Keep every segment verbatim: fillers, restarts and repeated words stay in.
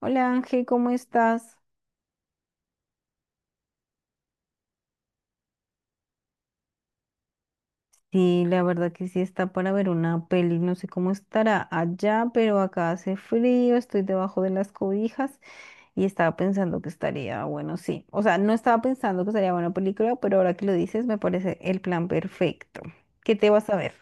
Hola Ángel, ¿cómo estás? Sí, la verdad que sí está para ver una peli. No sé cómo estará allá, pero acá hace frío, estoy debajo de las cobijas y estaba pensando que estaría bueno, sí. O sea, no estaba pensando que estaría buena película, pero ahora que lo dices me parece el plan perfecto. ¿Qué te vas a ver?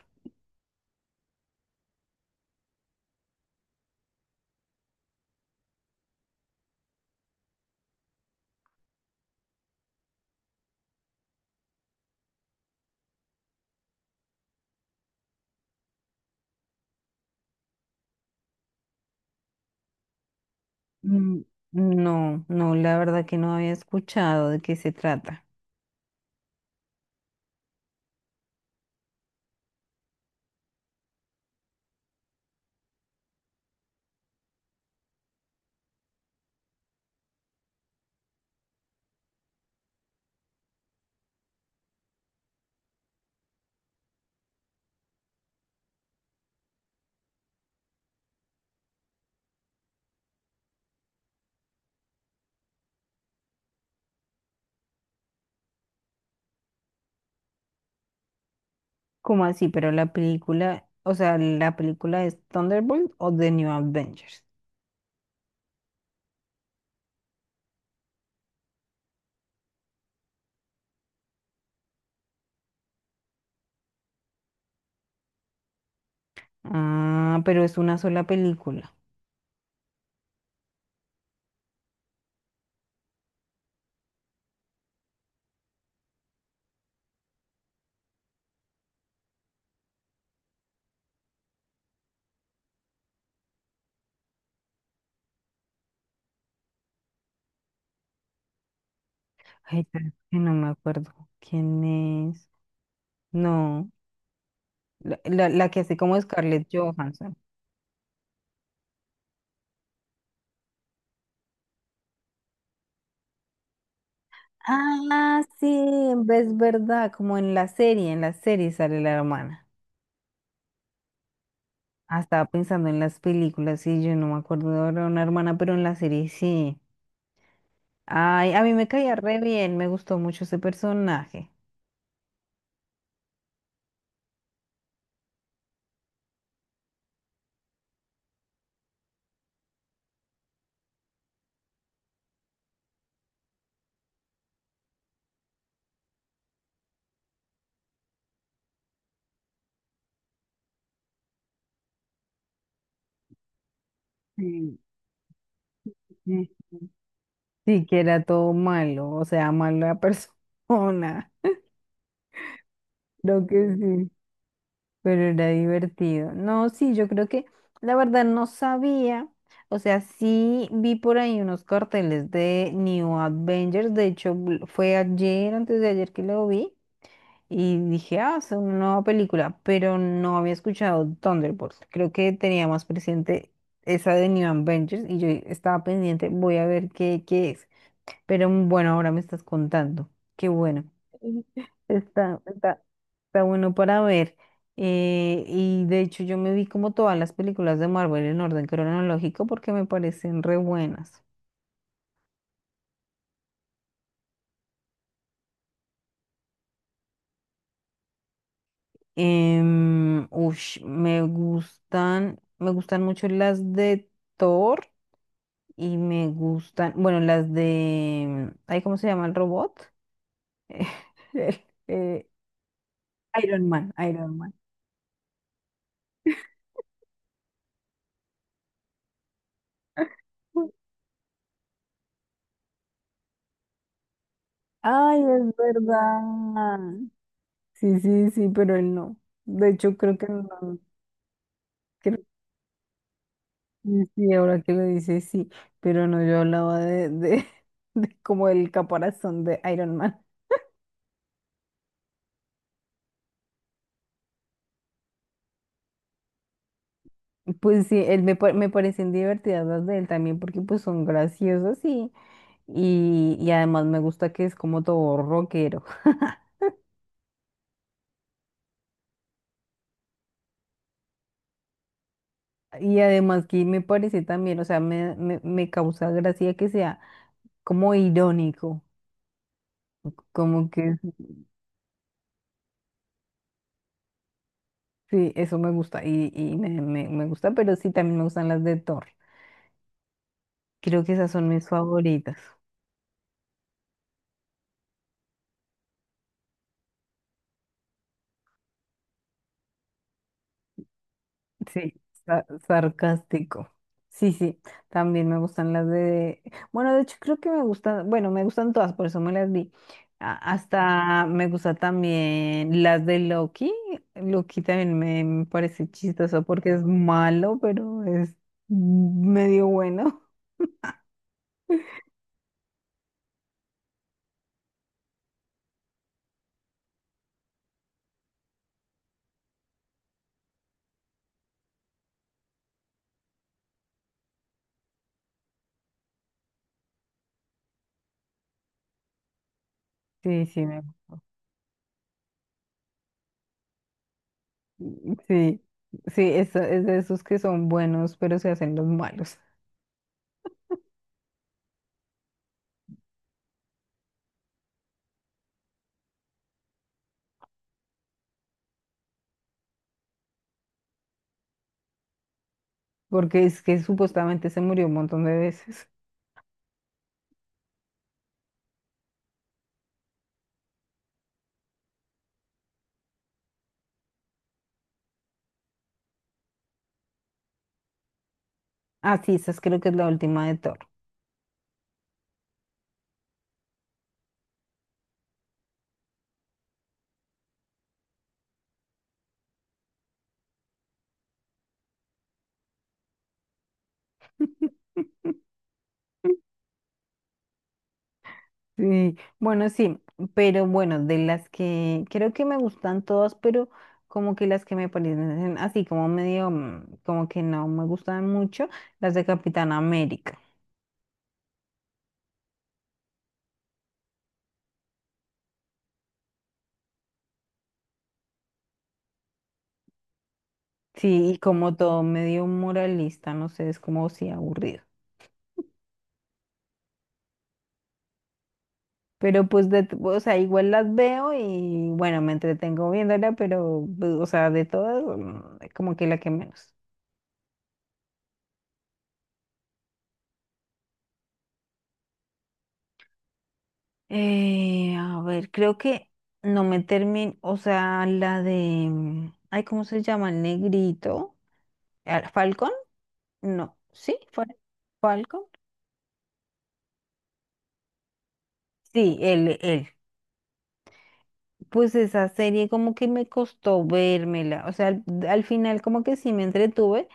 Mm. No, no, la verdad que no había escuchado de qué se trata. ¿Cómo así? Pero la película, o sea, ¿la película es Thunderbolt o The New Avengers? Ah, pero es una sola película. Ay, pero es que no me acuerdo quién es. No, la, la, la que hace como Scarlett Johansson. Ah, sí, es verdad, como en la serie, en la serie sale la hermana. Ah, estaba pensando en las películas, sí, yo no me acuerdo de ahora una hermana, pero en la serie sí. Ay, a mí me caía re bien, me gustó mucho ese personaje. Sí, sí, sí. Sí, que era todo malo, o sea, mala persona, creo que sí. Pero era divertido. No, sí, yo creo que la verdad no sabía. O sea, sí vi por ahí unos carteles de New Avengers. De hecho, bl- fue ayer, antes de ayer que lo vi. Y dije, ah, es una nueva película. Pero no había escuchado Thunderbolts. Creo que tenía más presente esa de New Avengers. Y yo estaba pendiente, voy a ver qué, qué es. Pero mm, bueno, ahora me estás contando. Qué bueno. Está, está, Está bueno para ver. Eh, y de hecho yo me vi como todas las películas de Marvel en orden cronológico porque me parecen re buenas. Em, ush, me gustan, me gustan mucho las de Thor y me gustan, bueno, las de, ay, ¿cómo se llama el robot? El, eh, Iron Man, Iron Man. Ay, es verdad. Sí, sí, sí, pero él no. De hecho, creo que no. Creo que sí, ahora que lo dices, sí, pero no, yo hablaba de, de, de como el caparazón de Iron Man. Pues sí, él me, pa- me parecen divertidas las de él también porque pues son graciosas y, y, y además me gusta que es como todo rockero. Y además que me parece también, o sea, me, me, me causa gracia que sea como irónico, como que sí, eso me gusta y, y me, me, me gusta, pero sí también me gustan las de Thor. Creo que esas son mis favoritas. Sí, sa- sarcástico. Sí, sí, también me gustan las de... Bueno, de hecho creo que me gustan, bueno, me gustan todas, por eso me las vi. A- Hasta me gusta también las de Loki. Loki también me, me parece chistoso porque es malo, pero es medio bueno. Sí, sí, me- sí, sí, es, es de esos que son buenos, pero se hacen los malos, porque es que supuestamente se murió un montón de veces. Ah, sí, esa es creo que es la última de Thor. Sí, bueno, sí, pero bueno, de las que creo que me gustan todas, pero como que las que me parecen así como medio, mm, como que no me gustan mucho, las de Capitán América. Sí, y como todo medio moralista, no sé, es como si aburrido. Pero pues, de, t- o sea, igual las veo y bueno, me entretengo viéndola, pero, pues, o sea, de todas, mm, como que la que menos. Eh, a ver, creo que no me termino, o sea, la de, mm, ay, ¿cómo se llama? El negrito. Ah, ¿Falcon? No, sí, Fal- Falcon. Sí, él, él. Pues esa serie como que me costó vérmela, o sea, al, al final como que sí me entretuve,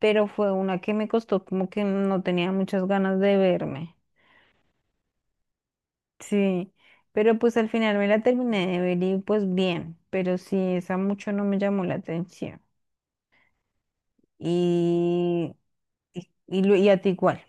pero fue una que me costó como que no tenía muchas ganas de verme. Sí, pero pues al final me la terminé de ver y pues bien, pero sí, esa mucho no me llamó la atención. Y, y, y lo- y a ti igual,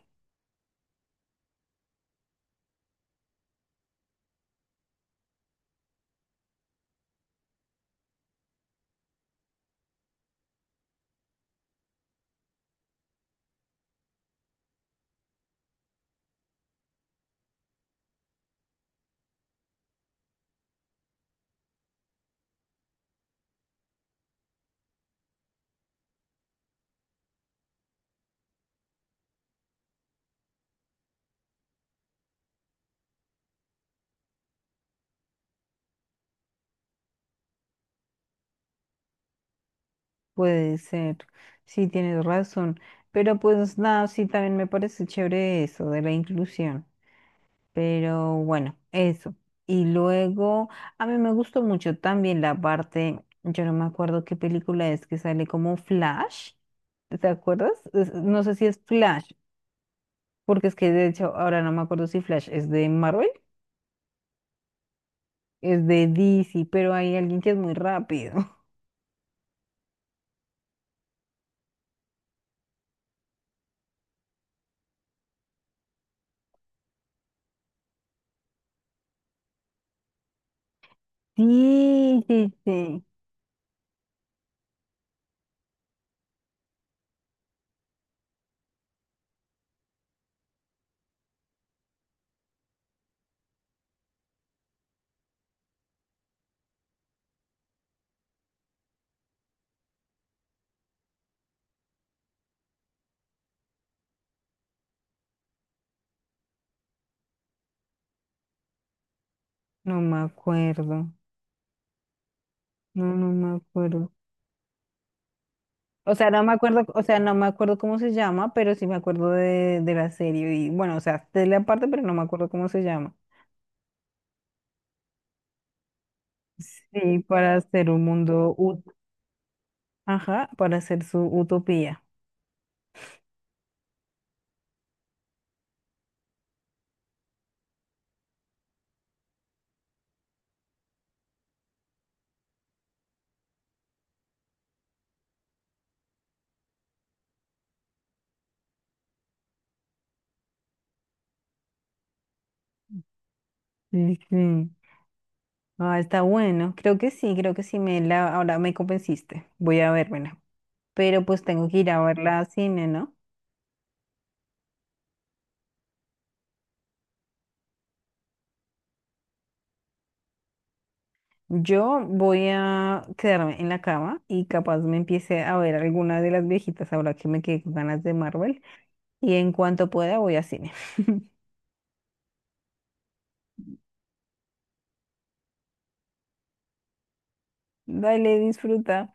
puede ser, sí tienes razón, pero pues nada, sí también me parece chévere eso de la inclusión, pero bueno, eso. Y luego, a mí me gustó mucho también la parte, yo no me acuerdo qué película es que sale como Flash, ¿te acuerdas? Es- no sé si es Flash, porque es que de hecho ahora no me acuerdo si Flash es de Marvel, es de D C, pero hay alguien que es muy rápido. Sí, sí, sí. No me acuerdo. No, no me acuerdo. O sea, no me acuerdo, o sea, no me acuerdo cómo se llama, pero sí me acuerdo de, de la serie. Y bueno, o sea, de la parte, pero no me acuerdo cómo se llama. Sí, para hacer un mundo, ut- ajá, para hacer su utopía. Sí, sí. Ah, está bueno. Creo que sí, creo que sí me la, ahora me convenciste. Voy a vérmela. Pero pues tengo que ir a verla a cine, ¿no? Yo voy a quedarme en la cama y capaz me empiece a ver alguna de las viejitas ahora que me quedé con ganas de Marvel. Y en cuanto pueda voy a cine. Dale, disfruta.